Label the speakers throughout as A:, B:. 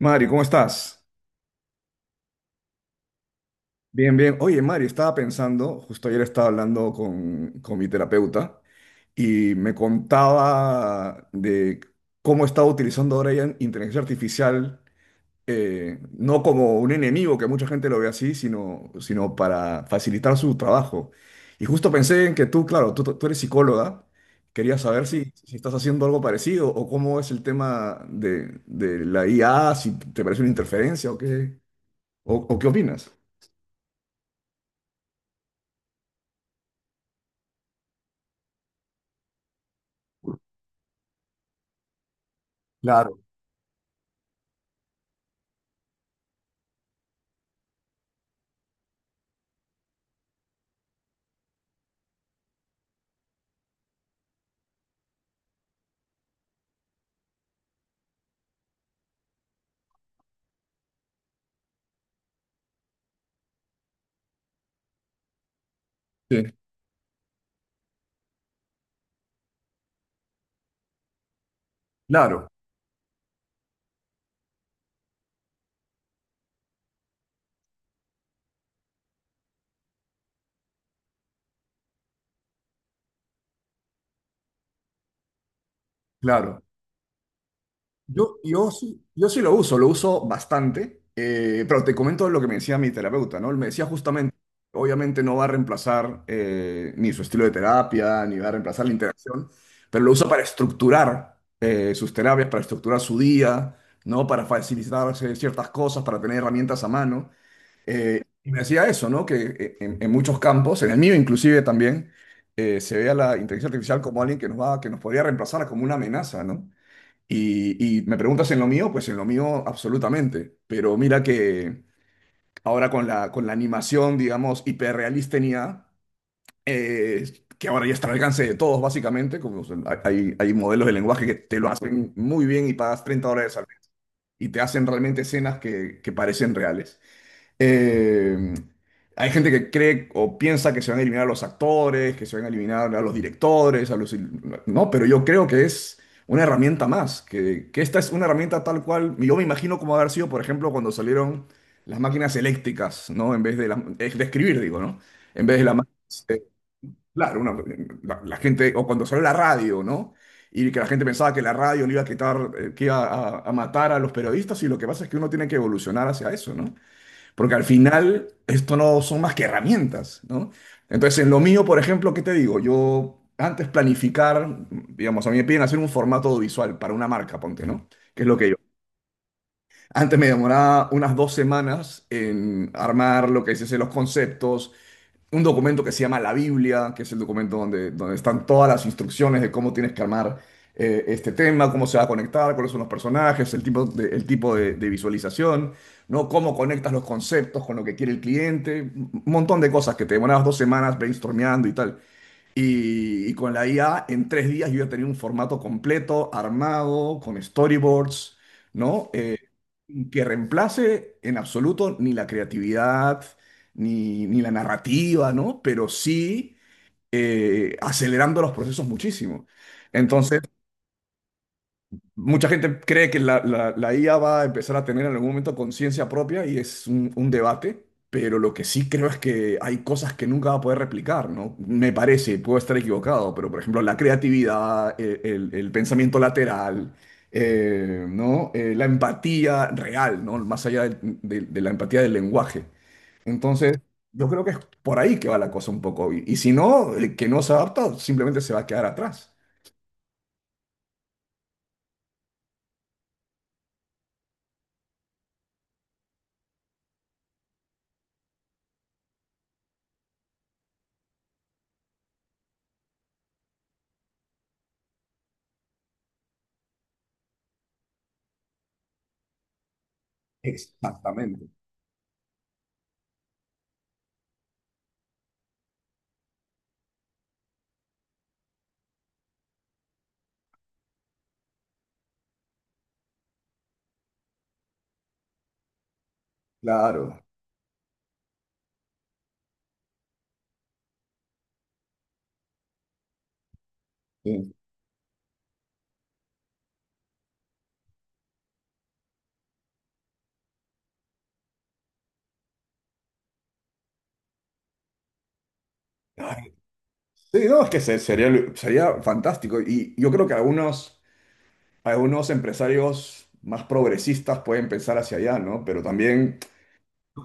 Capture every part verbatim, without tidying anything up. A: Mari, ¿cómo estás? Bien, bien. Oye, Mari, estaba pensando, justo ayer estaba hablando con, con mi terapeuta y me contaba de cómo estaba utilizando ahora ya inteligencia artificial, eh, no como un enemigo, que mucha gente lo ve así, sino, sino para facilitar su trabajo. Y justo pensé en que tú, claro, tú, tú eres psicóloga, quería saber si, si estás haciendo algo parecido o cómo es el tema de, de la i a, si te parece una interferencia o qué, o o qué opinas. Claro, sí, claro, claro. Yo, yo, sí, yo sí lo uso, lo uso bastante, eh, pero te comento lo que me decía mi terapeuta, ¿no? Él me decía justamente, obviamente no va a reemplazar eh, ni su estilo de terapia, ni va a reemplazar la interacción, pero lo usa para estructurar eh, sus terapias, para estructurar su día, ¿no? Para facilitarse ciertas cosas, para tener herramientas a mano. Eh, y me decía eso, ¿no? Que eh, en, en muchos campos, en el mío inclusive también, eh, se ve a la inteligencia artificial como alguien que nos va, que nos podría reemplazar, como una amenaza, ¿no? Y, y me preguntas en lo mío, pues en lo mío absolutamente. Pero mira que ahora con la, con la animación, digamos, hiperrealista en i a, eh, que ahora ya está al alcance de todos, básicamente, como son- hay, hay modelos de lenguaje que te lo hacen muy bien y pagas treinta dólares al mes y te hacen realmente escenas que, que parecen reales. Eh, hay gente que cree o piensa que se van a eliminar a los actores, que se van a eliminar a los directores, a los... il- No, pero yo creo que es una herramienta más, que, que esta es una herramienta tal cual, yo me imagino cómo haber sido, por ejemplo, cuando salieron las máquinas eléctricas, ¿no? En vez de las... es de escribir, digo, ¿no? En vez de la... ma- eh, claro, una- la, la gente, o cuando salió la radio, ¿no? Y que la gente pensaba que la radio le iba a quitar, eh, que iba a, a matar a los periodistas, y lo que pasa es que uno tiene que evolucionar hacia eso, ¿no? Porque al final, esto no son más que herramientas, ¿no? Entonces, en lo mío, por ejemplo, ¿qué te digo? Yo antes planificar, digamos, a mí me piden hacer un formato visual para una marca, ponte, ¿no? Que es lo que yo. Antes me demoraba unas dos semanas en armar lo que se dice los conceptos, un documento que se llama la Biblia, que es el documento donde, donde están todas las instrucciones de cómo tienes que armar eh, este tema, cómo se va a conectar, cuáles son los personajes, el tipo de, el tipo de, de visualización, ¿no? Cómo conectas los conceptos con lo que quiere el cliente, un montón de cosas que te demorabas dos semanas brainstormeando y tal. Y, y con la i a, en tres días yo ya tenía un formato completo, armado, con storyboards, ¿no? Eh, que reemplace en absoluto ni la creatividad, ni, ni la narrativa, ¿no? Pero sí eh, acelerando los procesos muchísimo. Entonces, mucha gente cree que la, la- la i a va a empezar a tener en algún momento conciencia propia y es un, un debate, pero lo que sí creo es que hay cosas que nunca va a poder replicar, ¿no? Me parece, puedo estar equivocado, pero por ejemplo la creatividad, el, el- el pensamiento lateral, eh, ¿no? Eh, la empatía real, ¿no? Más allá del- de, de la empatía del lenguaje. Entonces, yo creo que es por ahí que va la cosa un poco. Y, y si no, el que no se adapta simplemente se va a quedar atrás. Exactamente. Claro. Sí. Ay, sí, no, es que se- sería, sería fantástico. Y yo creo que algunos, algunos empresarios más progresistas pueden pensar hacia allá, ¿no? Pero también,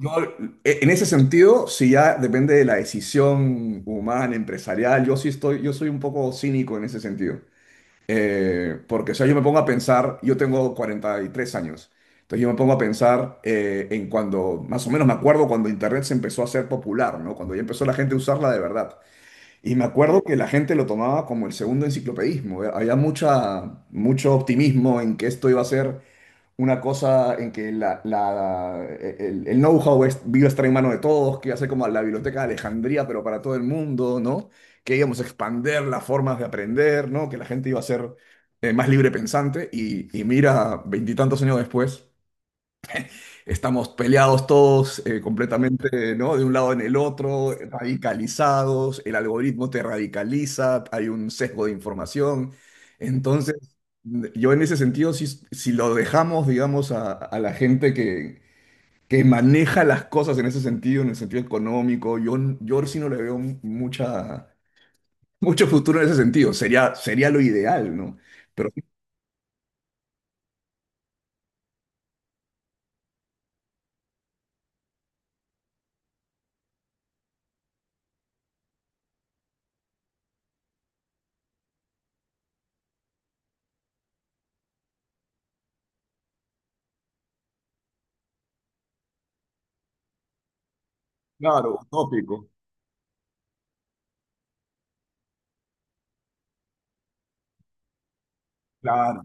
A: yo, e, en ese sentido, si ya depende de la decisión humana, empresarial, yo sí estoy, yo soy un poco cínico en ese sentido. Eh, porque, o sea, yo me pongo a pensar, yo tengo cuarenta y tres años, entonces yo me pongo a pensar eh, en cuando, más o menos me acuerdo cuando Internet se empezó a ser popular, ¿no? Cuando ya empezó la gente a usarla de verdad. Y me acuerdo que la gente lo tomaba como el segundo enciclopedismo. eh, Había mucha, mucho optimismo en que esto iba a ser una cosa en que la, la- e, el, el know-how es- iba a estar en manos de todos, que iba a ser como la biblioteca de Alejandría, pero para todo el mundo, ¿no? Que íbamos a expander las formas de aprender, ¿no? Que la gente iba a ser eh, más libre pensante. Y, y mira, veintitantos años después. Estamos peleados todos eh, completamente, ¿no? De un lado en el otro, radicalizados, el algoritmo te radicaliza, hay un sesgo de información. Entonces, yo en ese sentido, si, si lo dejamos, digamos, a, a la gente que, que maneja las cosas en ese sentido, en el sentido económico, yo, yo sí no le veo mucha, mucho futuro en ese sentido. Sería, sería lo ideal, ¿no? Pero sí, claro, utópico. Claro.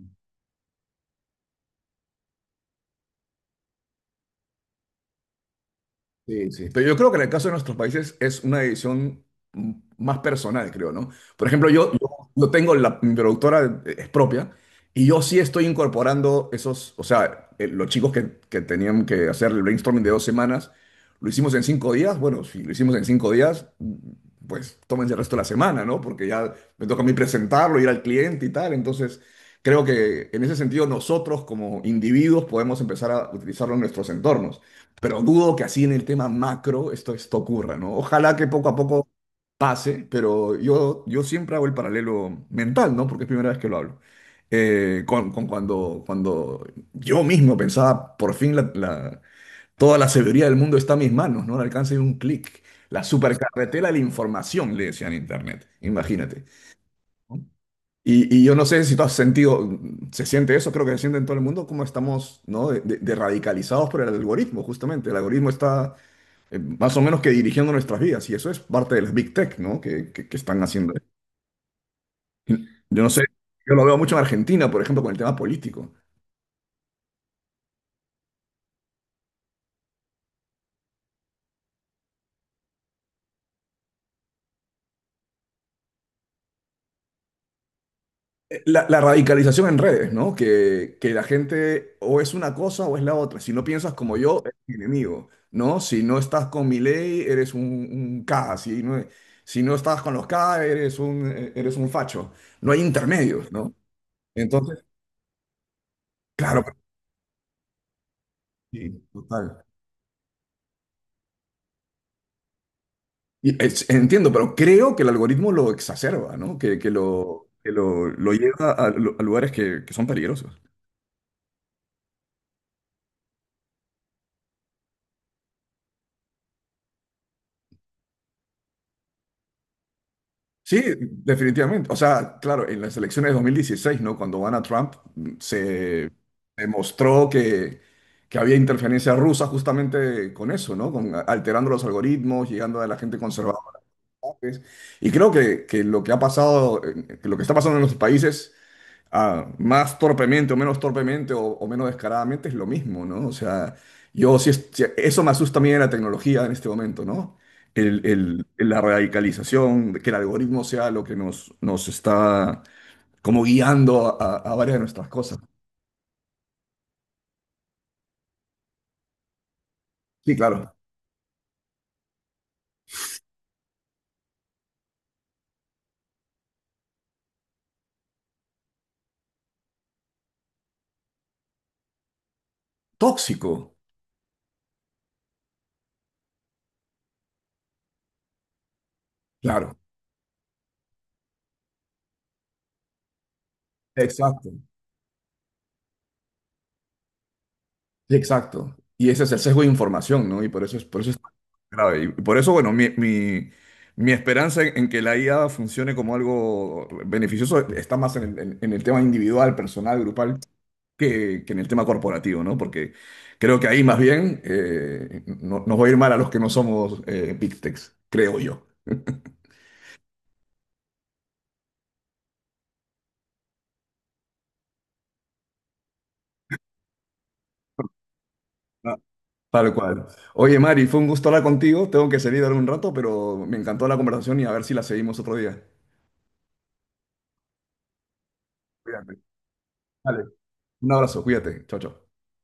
A: Sí, sí. Pero yo creo que en el caso de nuestros países es una decisión m- más personal, creo, ¿no? Por ejemplo, yo, yo, yo tengo la, mi productora eh, es propia y yo sí estoy incorporando esos, o sea, eh, los chicos que, que tenían que hacer el brainstorming de dos semanas, lo hicimos en cinco días. Bueno, si lo hicimos en cinco días, mm, pues tómense el resto de la semana, ¿no? Porque ya me toca a mí presentarlo, ir al cliente y tal. Entonces, creo que en ese sentido nosotros como individuos podemos empezar a utilizarlo en nuestros entornos. Pero dudo que así en el tema macro esto, esto ocurra, ¿no? Ojalá que poco a poco pase, pero yo, yo siempre hago el paralelo mental, ¿no? Porque es primera vez que lo hablo. Eh, con, con cuando, cuando yo mismo pensaba, por fin la, la- toda la sabiduría del mundo está en mis manos, ¿no? Al alcance de un clic. La supercarretera de la información, le decían en Internet, imagínate. ¿No? Y, y yo no sé si tú has sentido, se siente eso, creo que se siente en todo el mundo, como estamos, ¿no? De, de- de radicalizados por el algoritmo, justamente. El algoritmo está eh, más o menos que dirigiendo nuestras vidas, y eso es parte de las Big Tech, ¿no? Que, que- que están haciendo. Yo no sé, yo lo veo mucho en Argentina, por ejemplo, con el tema político. Eh, La, la radicalización en redes, ¿no? Que, que la gente o es una cosa o es la otra. Si no piensas como yo, eres mi enemigo, ¿no? Si no estás con mi ley, eres un, un K. Si no, si no estás con los K, eres un, eh, eres un facho. No hay intermedios, ¿no? Entonces, claro, sí, total. Y es- entiendo, pero creo que el algoritmo lo exacerba, ¿no? Que, que lo, que lo, lo lleva a, lu- a lugares que, que son peligrosos. Sí, definitivamente. O sea, claro, en las elecciones de dos mil dieciséis, ¿no? Cuando gana Trump, se demostró que, que había interferencia rusa justamente con eso, ¿no? Con, alterando los algoritmos, llegando a la gente conservadora. ¿Sabes? Y creo que, que lo que ha pasado, eh, que lo que está pasando en los países ah, más torpemente o menos torpemente o, o menos descaradamente es lo mismo, ¿no? O sea, yo sí, es- sí, eso me asusta a mí de la tecnología en este momento, ¿no? El, el- la radicalización, que el algoritmo sea lo que nos, nos está como guiando a, a varias de nuestras cosas. Sí, claro. Tóxico, claro. Exacto, sí, exacto. Y ese es el sesgo de información, ¿no? Y por eso es, por eso grave. Y por eso, bueno, mi, mi, mi esperanza en en que la i a funcione como algo beneficioso está más en el, en- en el tema individual, personal, grupal, que, que en el tema corporativo, ¿no? Porque creo que ahí más bien eh, no- nos va a ir mal a los que no somos eh, Big Techs, creo yo. Ah, tal cual. Oye, Mari, fue un gusto hablar contigo. Tengo que salir ahora un rato, pero me encantó la conversación y a ver si la seguimos otro día. Cuídate. Vale. Un abrazo, cuídate. Chao, chao.